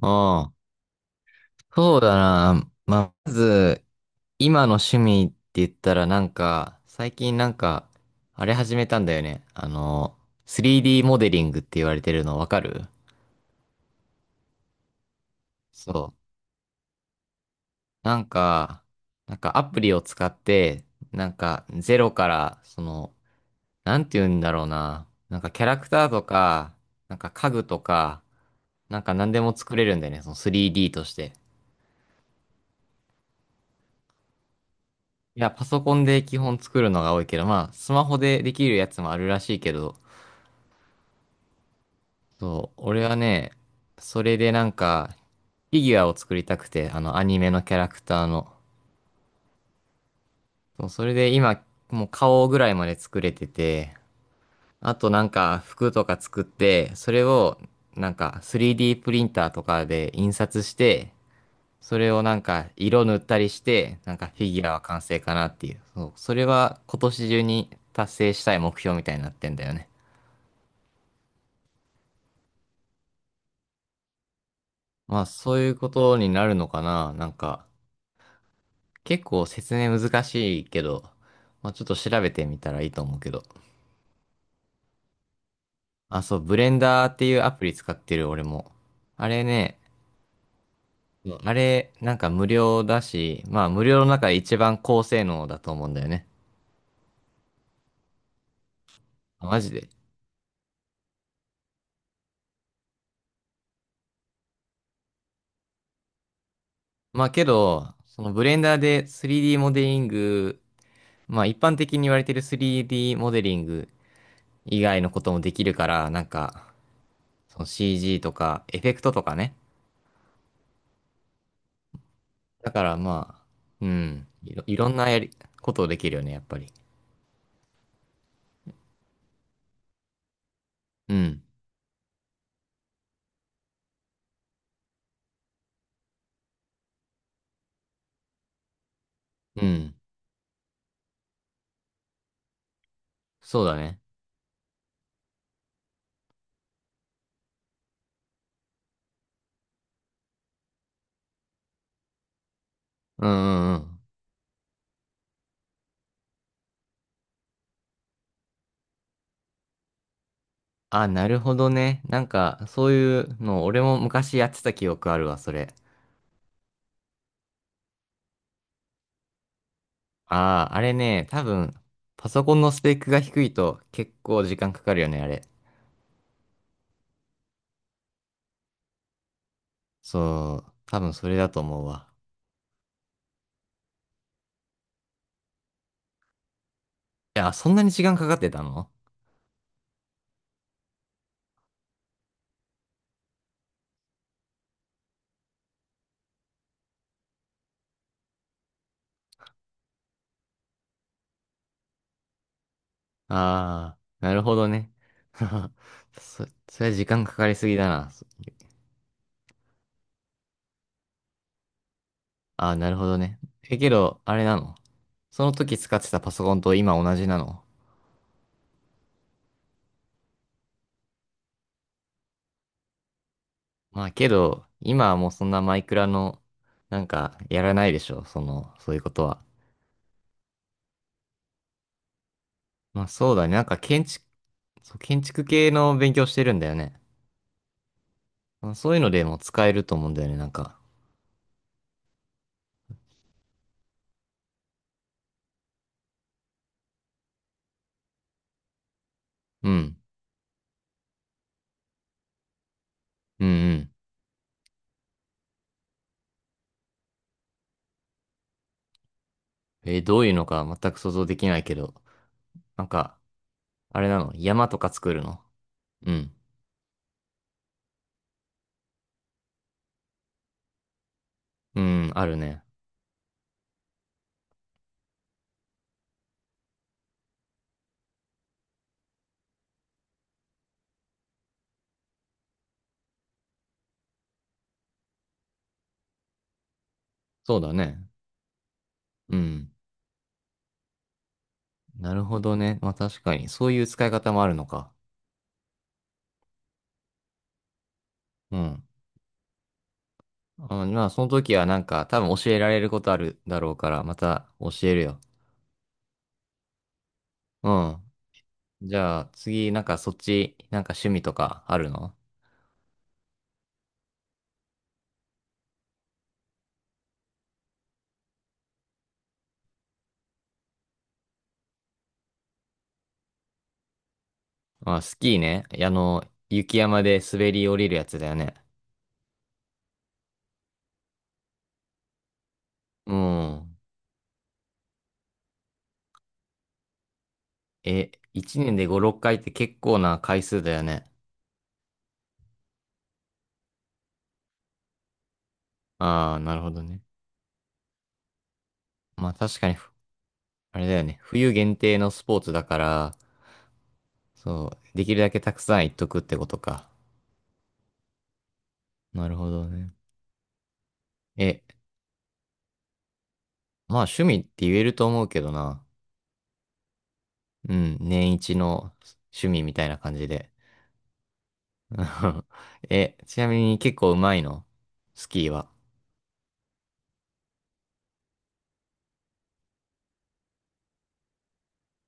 ああ、そうだな。まあ、まず、今の趣味って言ったらなんか、最近なんか、あれ始めたんだよね。3D モデリングって言われてるのわかる？そう。なんか、なんかアプリを使って、なんかゼロから、その、なんて言うんだろうな。なんかキャラクターとか、なんか家具とか、なんか何でも作れるんだよね。その 3D として。いや、パソコンで基本作るのが多いけど、まあ、スマホでできるやつもあるらしいけど、そう、俺はね、それでなんか、フィギュアを作りたくて、アニメのキャラクターの。そう、それで今、もう顔ぐらいまで作れてて、あとなんか、服とか作って、それを、なんか、3D プリンターとかで印刷して、それをなんか、色塗ったりして、なんか、フィギュアは完成かなっていう。そう、それは今年中に達成したい目標みたいになってんだよね。まあ、そういうことになるのかな。なんか、結構説明難しいけど、まあ、ちょっと調べてみたらいいと思うけど。あ、そう、ブレンダーっていうアプリ使ってる俺も。あれね、そうあれ、なんか無料だし、まあ、無料の中で一番高性能だと思うんだよね。あマジで。まあ、けど、そのブレンダーで 3D モデリング、まあ、一般的に言われてる 3D モデリング以外のこともできるから、なんか、その CG とか、エフェクトとかね。だからまあ、うん。いろんなことをできるよね、やっぱり。うん。うん。そうだね。うんうんうん。あ、なるほどね。なんか、そういうの、俺も昔やってた記憶あるわ、それ。ああ、あれね、多分、パソコンのスペックが低いと結構時間かかるよね、あれ。そう、多分それだと思うわ。いや、そんなに時間かかってたの？ああー、なるほどね。それ時間かかりすぎだな。ああ、なるほどね。え、けど、あれなの？その時使ってたパソコンと今同じなの？まあけど、今はもうそんなマイクラの、なんか、やらないでしょその、そういうことは。まあそうだね。なんか建築、そう、建築系の勉強してるんだよね。まあ、そういうのでも使えると思うんだよね、なんか。うん。うんうん。どういうのか全く想像できないけど。なんか、あれなの山とか作るの？うん。うん、あるね。そうだね。うん。なるほどね。まあ確かに、そういう使い方もあるのか。うん。あまあその時はなんか多分教えられることあるだろうから、また教えるよ。うん。じゃあ次、なんかそっち、なんか趣味とかあるの？まあ、スキーね。あの、雪山で滑り降りるやつだよね。うん。え、1年で5、6回って結構な回数だよね。ああ、なるほどね。まあ確かに、あれだよね。冬限定のスポーツだから、そう、できるだけたくさん行っとくってことか。なるほどね。え、まあ趣味って言えると思うけどな。うん、年一の趣味みたいな感じで。うん え、ちなみに結構うまいの？スキーは。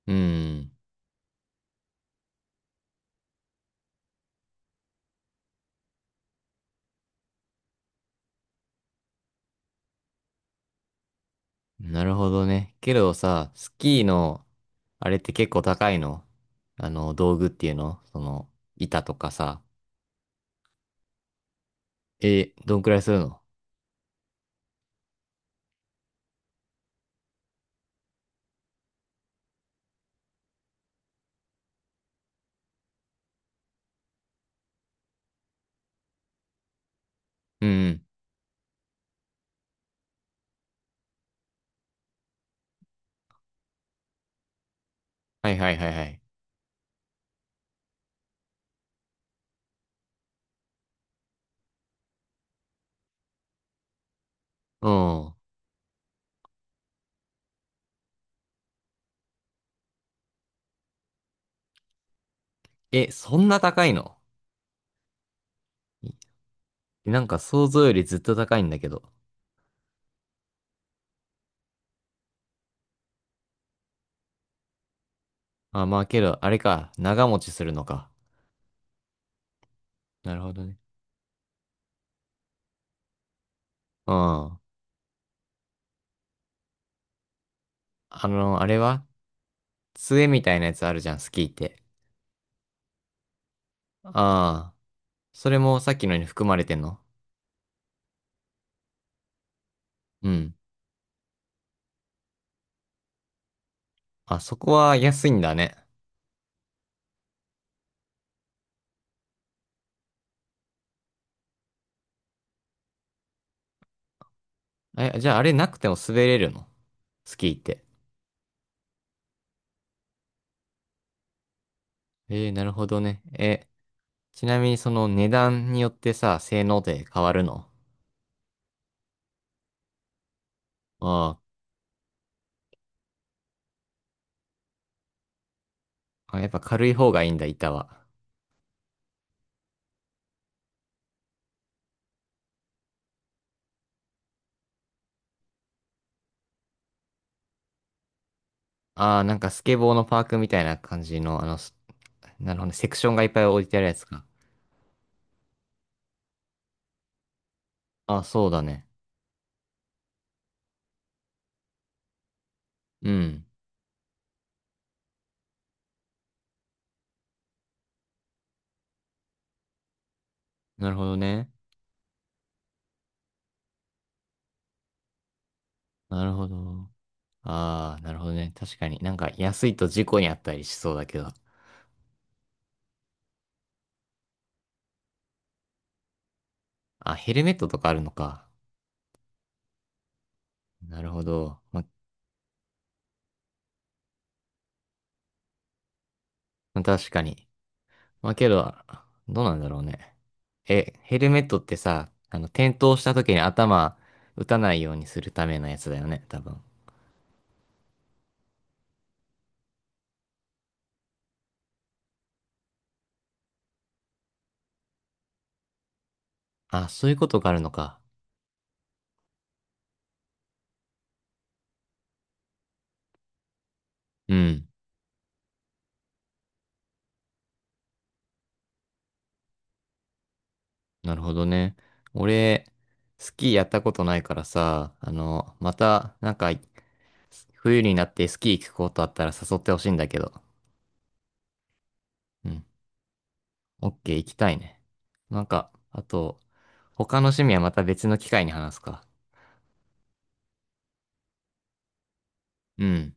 うん、なるほどね。けどさ、スキーの、あれって結構高いの？あの、道具っていうのその、板とかさ。え、どんくらいするの？うんうん。はいはいはいはい。うん。え、そんな高いの？なんか想像よりずっと高いんだけど。あ、まあけど、あれか、長持ちするのか。なるほどね。うん。あの、あれは杖みたいなやつあるじゃん、スキーって。ああ、それもさっきのに含まれてんの？うん。あ、そこは安いんだね。え、じゃああれなくても滑れるの？スキーって。えー、なるほどね。え、ちなみにその値段によってさ、性能で変わるの？あーあ、やっぱ軽い方がいいんだ、板は。ああ、なんかスケボーのパークみたいな感じの、なるほどね、セクションがいっぱい置いてあるやつか。あ、そうだね。うん。なるほどね。なるほど。ああ、なるほどね。確かに。なんか安いと事故にあったりしそうだけど。あ、ヘルメットとかあるのか。なるほど。ま確かに。まあけど、どうなんだろうね。え、ヘルメットってさ、あの、転倒した時に頭打たないようにするためのやつだよね、多分。あ、そういうことがあるのか。うん。なるほどね。俺、スキーやったことないからさ、あの、また、なんか、冬になってスキー行くことあったら誘ってほしいんだけど。うん。オッケー、行きたいね。なんか、あと、他の趣味はまた別の機会に話すか。うん。